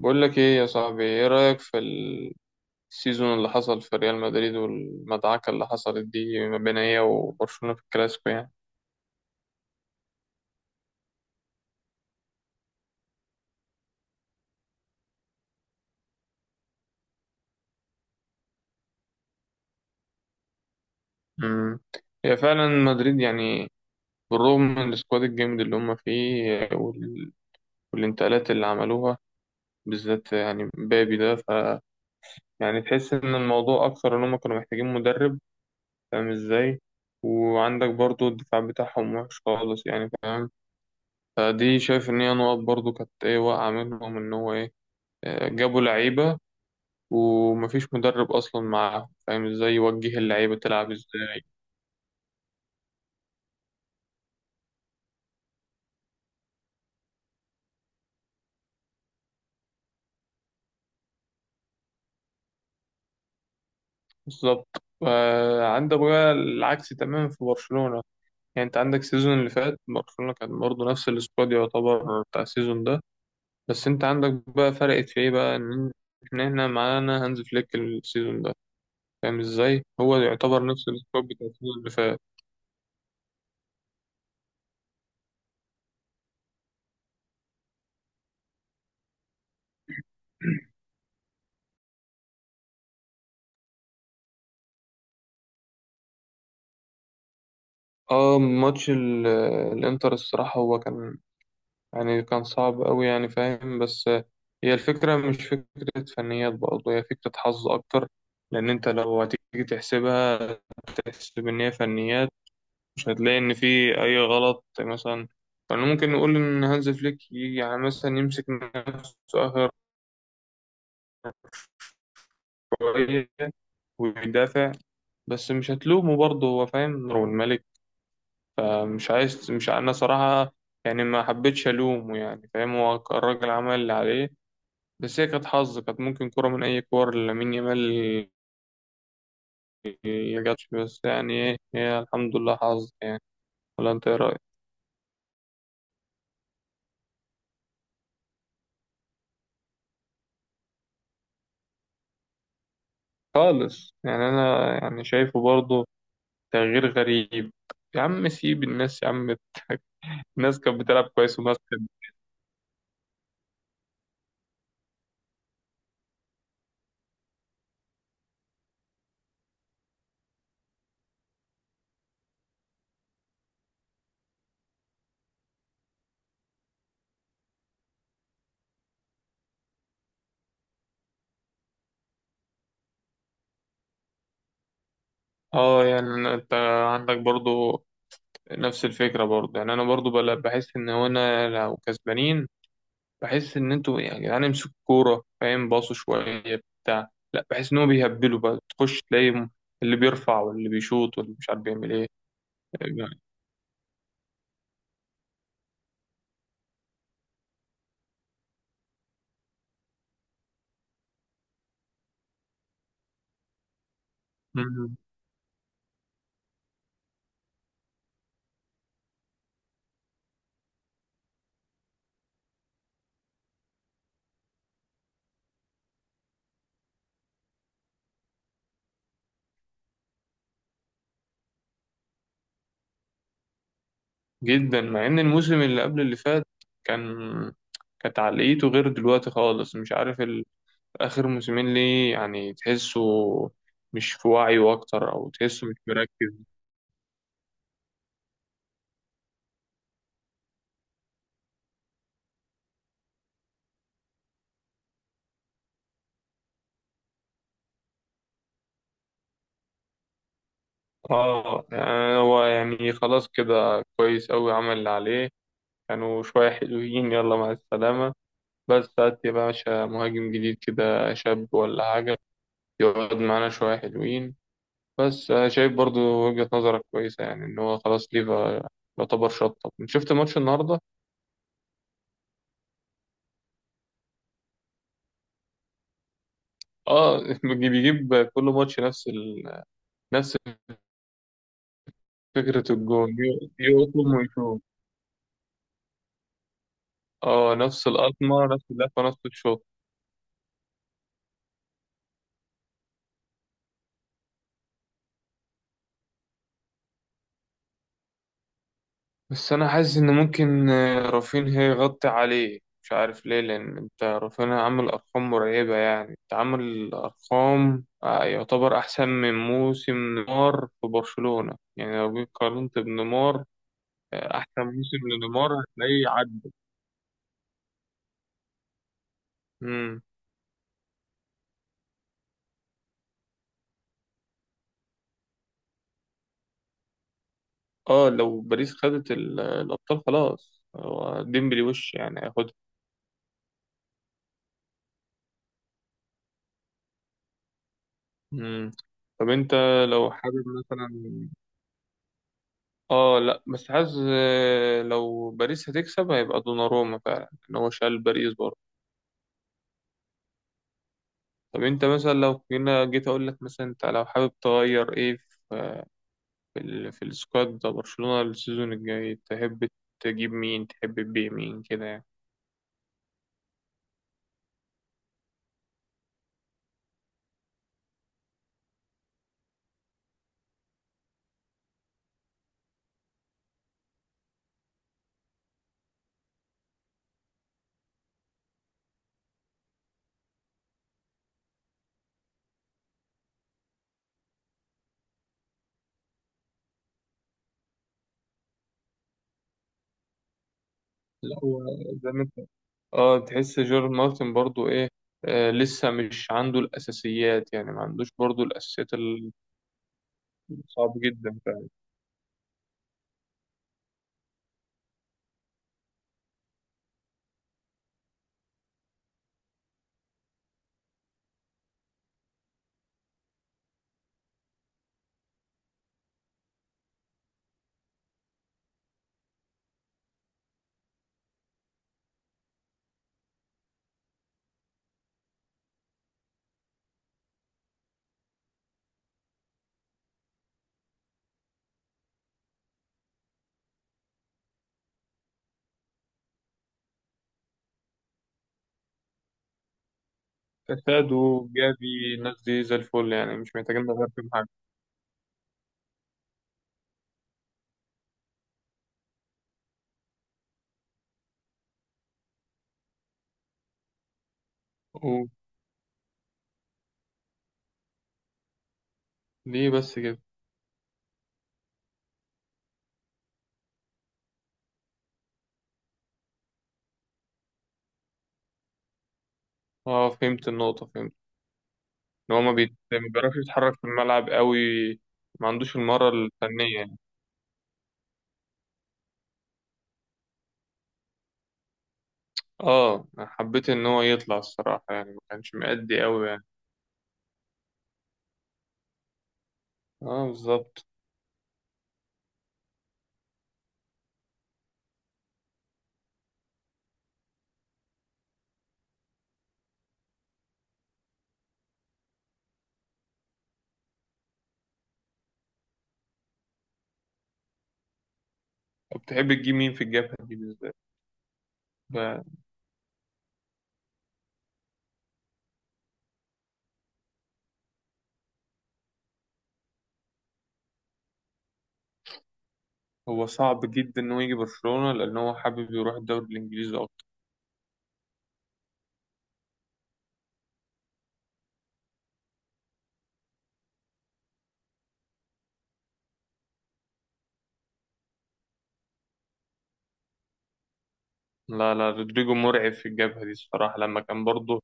بقول لك ايه يا صاحبي، ايه رأيك في السيزون اللي حصل في ريال مدريد والمدعكة اللي حصلت دي ما بين هي وبرشلونة في الكلاسيكو يعني؟ امم هي فعلا مدريد يعني، بالرغم من السكواد الجامد اللي هم فيه والانتقالات اللي عملوها، بالذات يعني مبابي ده. يعني تحس ان الموضوع اكثر ان هم كانوا محتاجين مدرب، فاهم ازاي؟ وعندك برضو الدفاع بتاعهم وحش خالص يعني، فاهم؟ فدي شايف ان هي نقط برضو كانت ايه واقعة منهم ان هو ايه، جابوا لعيبة ومفيش مدرب أصلا معاهم، فاهم ازاي يوجه اللعيبة تلعب ازاي؟ بالظبط. وعندك بقى العكس تماما في برشلونة، يعني انت عندك السيزون اللي فات برشلونة كان برضه نفس السكواد يعتبر بتاع السيزون ده. بس انت عندك بقى فرقت في ايه بقى، ان احنا هنا معانا هانز فليك السيزون ده، فاهم ازاي؟ هو يعتبر نفس السكواد بتاع السيزون اللي فات. اه، ماتش الانتر الصراحة هو كان، يعني كان صعب أوي يعني فاهم، بس هي الفكرة مش فكرة فنيات برضه، هي فكرة حظ أكتر. لأن أنت لو هتيجي تحسبها، تحسب إن هي فنيات، مش هتلاقي إن في أي غلط مثلا. فأنا ممكن نقول إن هانز فليك يجي يعني مثلا يمسك نفسه آخر شوية ويدافع، بس مش هتلومه برضه، هو فاهم هو الملك. مش عايز، مش أنا صراحة يعني ما حبيتش ألومه، يعني فاهم هو الراجل عمل اللي عليه. بس هي كانت حظ، كانت ممكن كرة من أي كور لامين يامال ما جاتش، بس يعني إيه، هي الحمد لله حظ يعني. ولا أنت إيه رأيك؟ خالص يعني، أنا يعني شايفه برضه تغيير غريب. يا عم سيب الناس يا عم. الناس كانت بتلعب كويس والناس كانت. اه، يعني أنت عندك برضه نفس الفكرة برضه، يعني أنا برضه بحس إن هو أنا لو كسبانين، بحس ان انتوا يعني يا جدعان امسكوا الكوره، فاهم، باصوا شويه بتاع لا، بحس ان هو بيهبلوا بقى، تخش تلاقي اللي بيرفع واللي بيشوط واللي مش عارف بيعمل ايه يعني. مم. جدا، مع ان الموسم اللي قبل اللي فات كان كانت عقليته غير دلوقتي خالص. مش عارف اخر موسمين ليه، يعني تحسه مش في وعيه اكتر او تحسه مش مركز. اه يعني هو يعني خلاص كده كويس قوي، عمل اللي عليه. كانوا شويه حلوين، يلا مع السلامه. بس هات يا باشا مهاجم جديد كده شاب ولا حاجة يقعد معانا شوية حلوين. بس أنا شايف برضو وجهة نظرك كويسة، يعني إن هو خلاص ليفا يعتبر شطب. شفت ماتش النهاردة؟ اه، بيجيب كل ماتش نفس نفس فكرة الجون، يقطم ويشوط. اه، نفس القطمة نفس اللفة نفس الشوط. بس انا حاسس ان ممكن رافينها يغطي عليه، مش عارف ليه، لان انت رافينها عامل ارقام مرعبه يعني، انت عامل ارقام يعتبر احسن من موسم نيمار في برشلونه، يعني لو جيت قارنت بنيمار، احسن موسم لنيمار هتلاقيه عدى. امم. اه لو باريس خدت الابطال خلاص، هو ديمبلي وش يعني هياخدها. امم. طب انت لو حابب مثلا، اه لا بس حاسس لو باريس هتكسب هيبقى دوناروما فعلا، ان هو شال باريس برضه. طب انت مثلا لو هنا جيت اقول لك مثلا، انت لو حابب تغير ايه في في السكواد ده برشلونة السيزون الجاي، تحب تجيب مين تحب تبيع مين كده يعني؟ لا هو زي ما انت، اه تحس جيرارد مارتن برضه ايه، آه لسه مش عنده الاساسيات يعني، ما عندوش برضه الاساسيات صعب جدا فعلا. كاسادو، جافي، الناس دي زي الفل يعني، مش محتاجين نغير فيهم حاجه. ليه بس كده؟ اه فهمت النقطة، فهمت ان هو ما بيعرفش يتحرك في الملعب قوي، ما عندوش المهارة الفنية يعني. اه أنا حبيت ان هو يطلع الصراحة يعني، ما كانش مأدي قوي يعني. اه بالظبط. طب تحب تجيب مين في الجبهة دي بالذات؟ ب- هو صعب جدا انه يجي برشلونة، لان هو حابب يروح الدوري الانجليزي اكتر. لا لا، رودريجو مرعب في الجبهة دي الصراحة، لما كان برضه،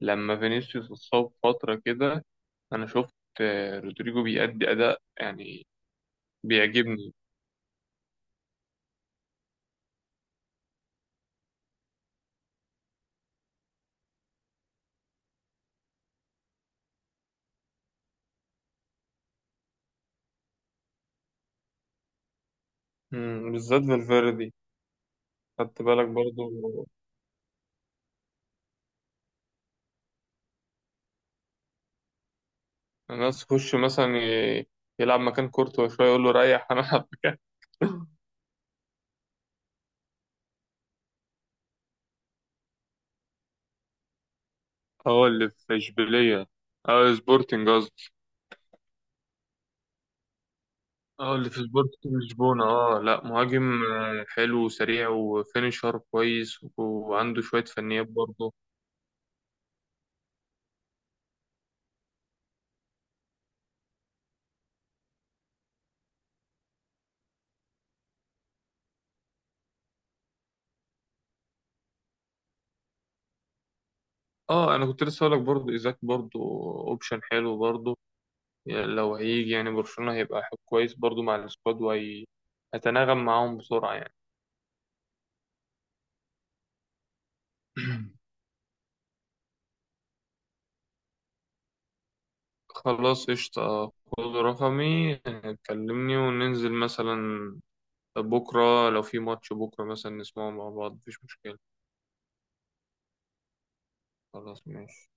لما فينيسيوس اتصاب فترة كده، انا شفت رودريجو بيأدي اداء يعني، بيعجبني. مم، بالذات فالفيردي. خدت بالك برضو الناس تخش مثلا ي- يلعب مكان كورتوا شوية يقول له ريح، أنا ألعب مكان اه اللي في إشبيلية، اه سبورتنج قصدي. اه اللي في سبورتنج لشبونة، اه لا مهاجم حلو وسريع وفينيشر كويس وعنده شوية فنيات برضه. اه انا كنت لسه هقولك برضه ايزاك برضه اوبشن حلو برضه. يعني لو هيجي يعني برشلونة هيبقى حب كويس برضه مع السكواد، وهيتناغم معاهم بسرعة يعني. خلاص قشطة، خد رقمي كلمني وننزل مثلا بكرة، لو في ماتش بكرة مثلا نسمعه مع بعض مفيش مشكلة. خلاص ماشي.